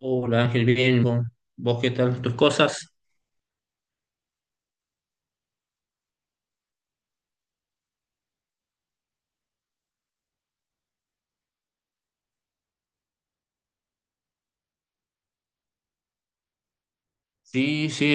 Hola Ángel, bien, ¿vos qué tal? ¿Tus cosas? Sí, sí,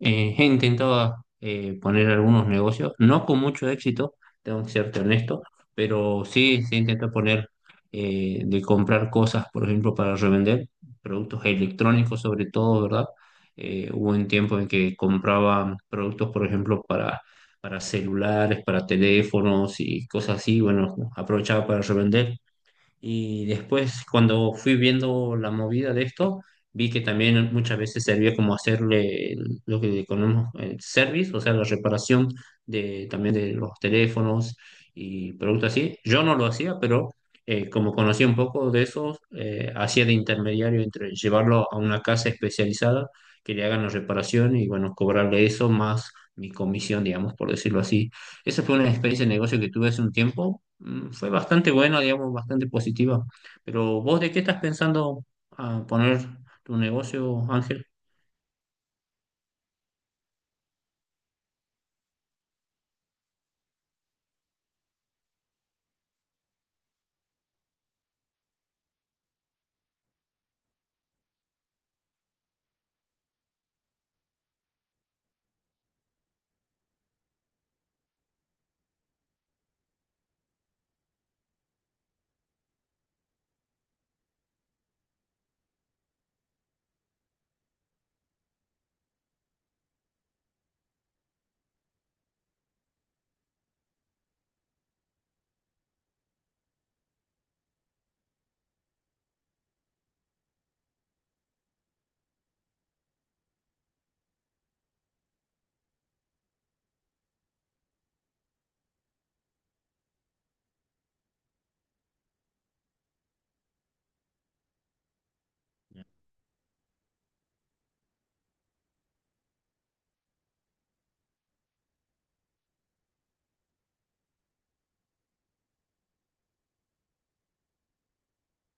he intentado poner algunos negocios, no con mucho éxito, tengo que serte honesto, pero sí, sí intento poner de comprar cosas, por ejemplo, para revender, productos electrónicos sobre todo, ¿verdad? Hubo un tiempo en que compraba productos, por ejemplo, para celulares, para teléfonos y cosas así. Bueno, aprovechaba para revender. Y después, cuando fui viendo la movida de esto, vi que también muchas veces servía como hacerle lo que conocemos el service, o sea, la reparación de, también, de los teléfonos y productos así. Yo no lo hacía, pero como conocía un poco de eso, hacía de intermediario entre llevarlo a una casa especializada que le hagan la reparación y, bueno, cobrarle eso más mi comisión, digamos, por decirlo así. Esa fue una experiencia de negocio que tuve hace un tiempo. Fue bastante buena, digamos, bastante positiva. Pero vos, ¿de qué estás pensando a poner tu negocio, Ángel?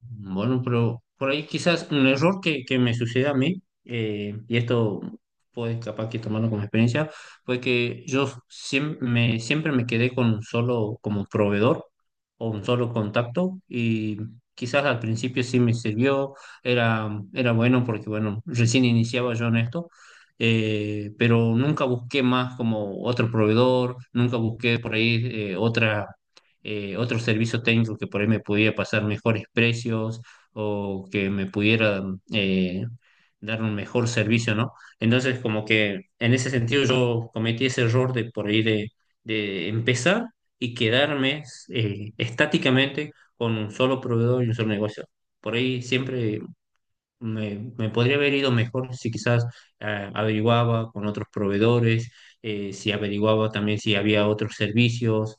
Bueno, pero por ahí quizás un error que me sucede a mí, y esto puedes capaz que tomarlo como experiencia, fue que yo siempre me quedé con un solo como proveedor o un solo contacto y quizás al principio sí me sirvió, era bueno porque bueno, recién iniciaba yo en esto, pero nunca busqué más como otro proveedor, nunca busqué por ahí otra otro servicio técnico que por ahí me pudiera pasar mejores precios o que me pudiera eh, dar un mejor servicio, ¿no? Entonces, como que en ese sentido yo cometí ese error de por ahí de empezar y quedarme estáticamente con un solo proveedor y un solo negocio. Por ahí siempre me podría haber ido mejor si quizás averiguaba con otros proveedores, si averiguaba también si había otros servicios.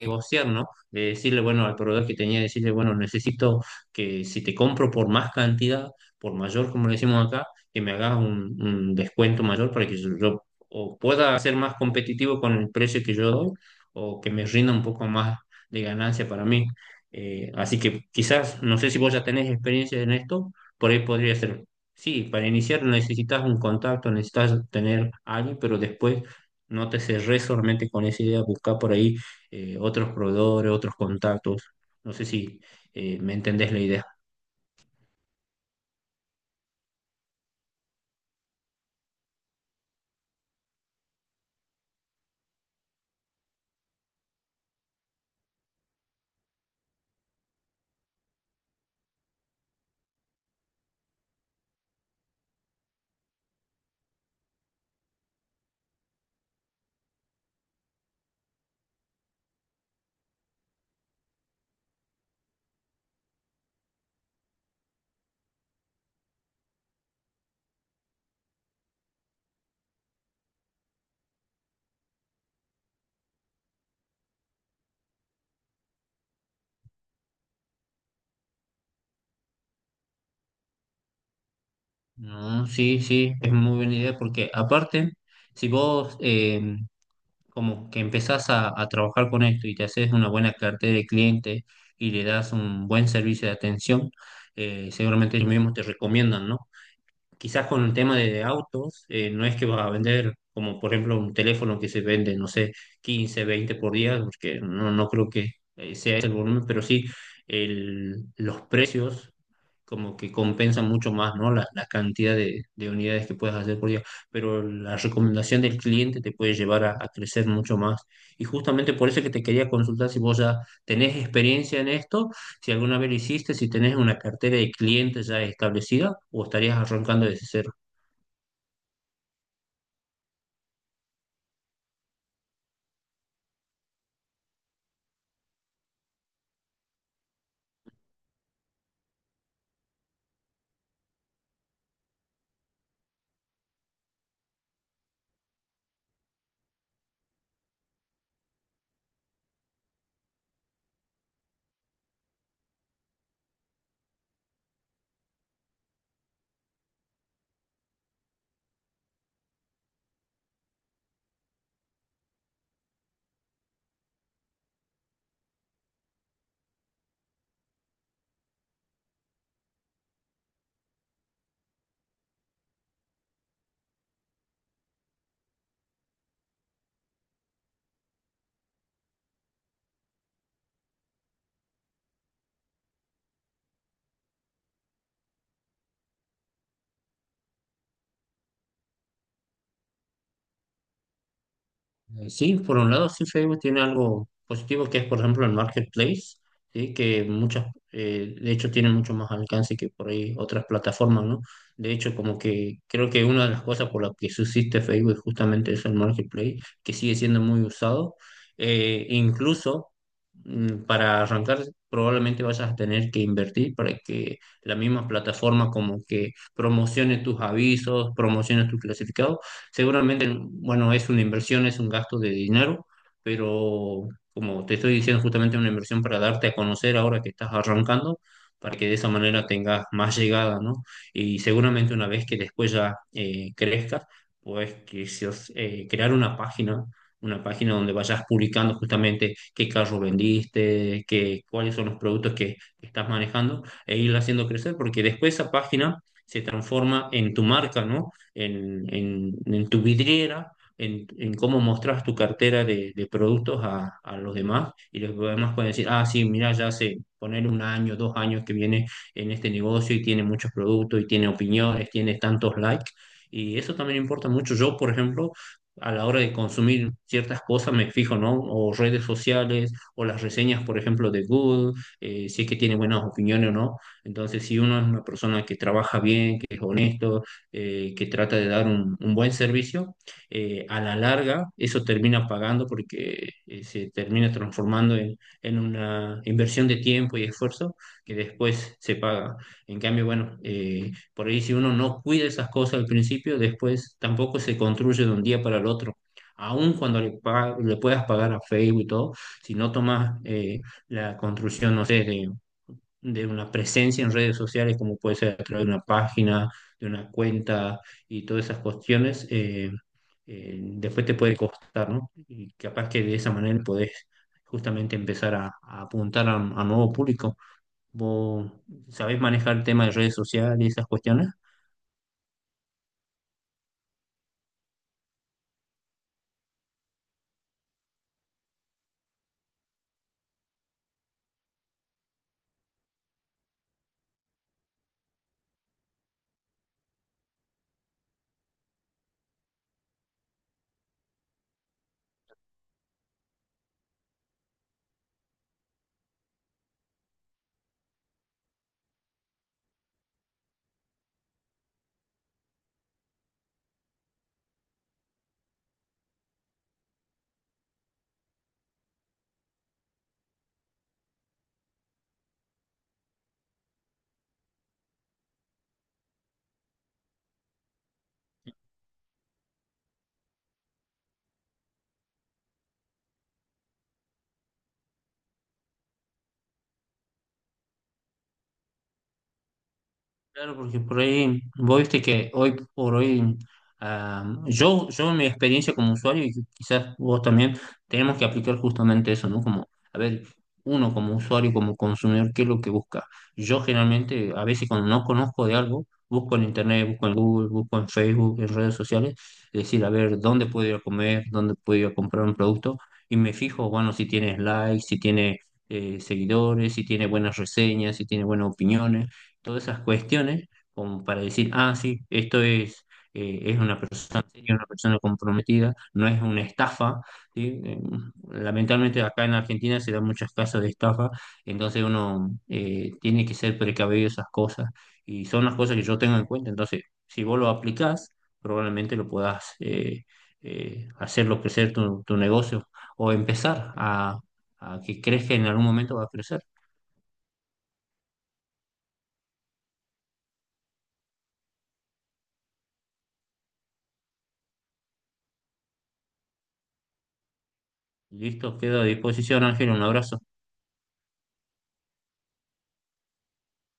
Negociar, ¿no? De decirle, bueno, al proveedor que tenía, decirle, bueno, necesito que si te compro por más cantidad, por mayor, como le decimos acá, que me hagas un descuento mayor para que yo o pueda ser más competitivo con el precio que yo doy o que me rinda un poco más de ganancia para mí. Así que quizás, no sé si vos ya tenés experiencia en esto, por ahí podría ser. Sí, para iniciar necesitas un contacto, necesitas tener a alguien, pero después no te cerrés solamente con esa idea, buscar por ahí otros proveedores, otros contactos. No sé si me entendés la idea. No, sí, sí, es muy buena idea porque aparte, si vos como que empezás a trabajar con esto y te haces una buena cartera de clientes y le das un buen servicio de atención, seguramente ellos mismos te recomiendan, ¿no? Quizás con el tema de autos, no es que vas a vender como por ejemplo un teléfono que se vende, no sé, 15, 20 por día, porque no, no creo que sea ese el volumen, pero sí los precios como que compensan mucho más, ¿no? La cantidad de unidades que puedes hacer por día, pero la recomendación del cliente te puede llevar a crecer mucho más. Y justamente por eso es que te quería consultar si vos ya tenés experiencia en esto, si alguna vez lo hiciste, si tenés una cartera de clientes ya establecida o estarías arrancando desde cero. Sí, por un lado, sí, Facebook tiene algo positivo que es, por ejemplo, el marketplace, ¿sí? Que muchas, de hecho, tiene mucho más alcance que por ahí otras plataformas, ¿no? De hecho, como que creo que una de las cosas por las que subsiste Facebook es justamente eso, el marketplace, que sigue siendo muy usado. Incluso para arrancar, probablemente vayas a tener que invertir para que la misma plataforma como que promocione tus avisos, promocione tus clasificados. Seguramente, bueno, es una inversión, es un gasto de dinero, pero como te estoy diciendo, justamente una inversión para darte a conocer ahora que estás arrancando, para que de esa manera tengas más llegada, ¿no? Y seguramente una vez que después ya crezcas, pues que si os- crear una página donde vayas publicando justamente qué carro vendiste, cuáles son los productos que estás manejando e ir haciendo crecer, porque después esa página se transforma en tu marca, ¿no? En tu vidriera, en cómo mostras tu cartera de productos a los demás y los demás pueden decir, ah, sí, mira, ya hace poner un año, dos años que viene en este negocio y tiene muchos productos y tiene opiniones, tiene tantos likes. Y eso también importa mucho. Yo, por ejemplo, a la hora de consumir ciertas cosas me fijo, ¿no? O redes sociales, o las reseñas, por ejemplo, de Google, si es que tiene buenas opiniones o no. Entonces, si uno es una persona que trabaja bien, que es honesto, que trata de dar un buen servicio, a la larga eso termina pagando porque se termina transformando en una inversión de tiempo y esfuerzo que después se paga. En cambio, bueno, por ahí si uno no cuida esas cosas al principio, después tampoco se construye de un día para el otro. Aun cuando le puedas pagar a Facebook y todo, si no tomas la construcción, no sé, de una presencia en redes sociales, como puede ser a través de una página, de una cuenta y todas esas cuestiones, después te puede costar, ¿no? Y capaz que de esa manera podés justamente empezar a apuntar a un a nuevo público. ¿Vos sabés manejar el tema de redes sociales y esas cuestiones? Claro, porque por ahí, vos viste que hoy por hoy, ah, yo en mi experiencia como usuario, y quizás vos también, tenemos que aplicar justamente eso, ¿no? Como, a ver, uno como usuario, como consumidor, ¿qué es lo que busca? Yo generalmente, a veces cuando no conozco de algo, busco en internet, busco en Google, busco en Facebook, en redes sociales, es decir, a ver, ¿dónde puedo ir a comer? ¿Dónde puedo ir a comprar un producto? Y me fijo, bueno, si tiene likes, si tiene seguidores, si tiene buenas reseñas, si tiene buenas opiniones, todas esas cuestiones, como para decir, ah, sí, esto es una persona seria, una persona comprometida, no es una estafa, ¿sí? Lamentablemente acá en Argentina se dan muchos casos de estafa, entonces uno tiene que ser precavido de esas cosas y son las cosas que yo tengo en cuenta. Entonces, si vos lo aplicás, probablemente lo puedas hacerlo crecer tu negocio o empezar a que crezca. En algún momento va a crecer. Listo, quedo a disposición, Ángel, un abrazo.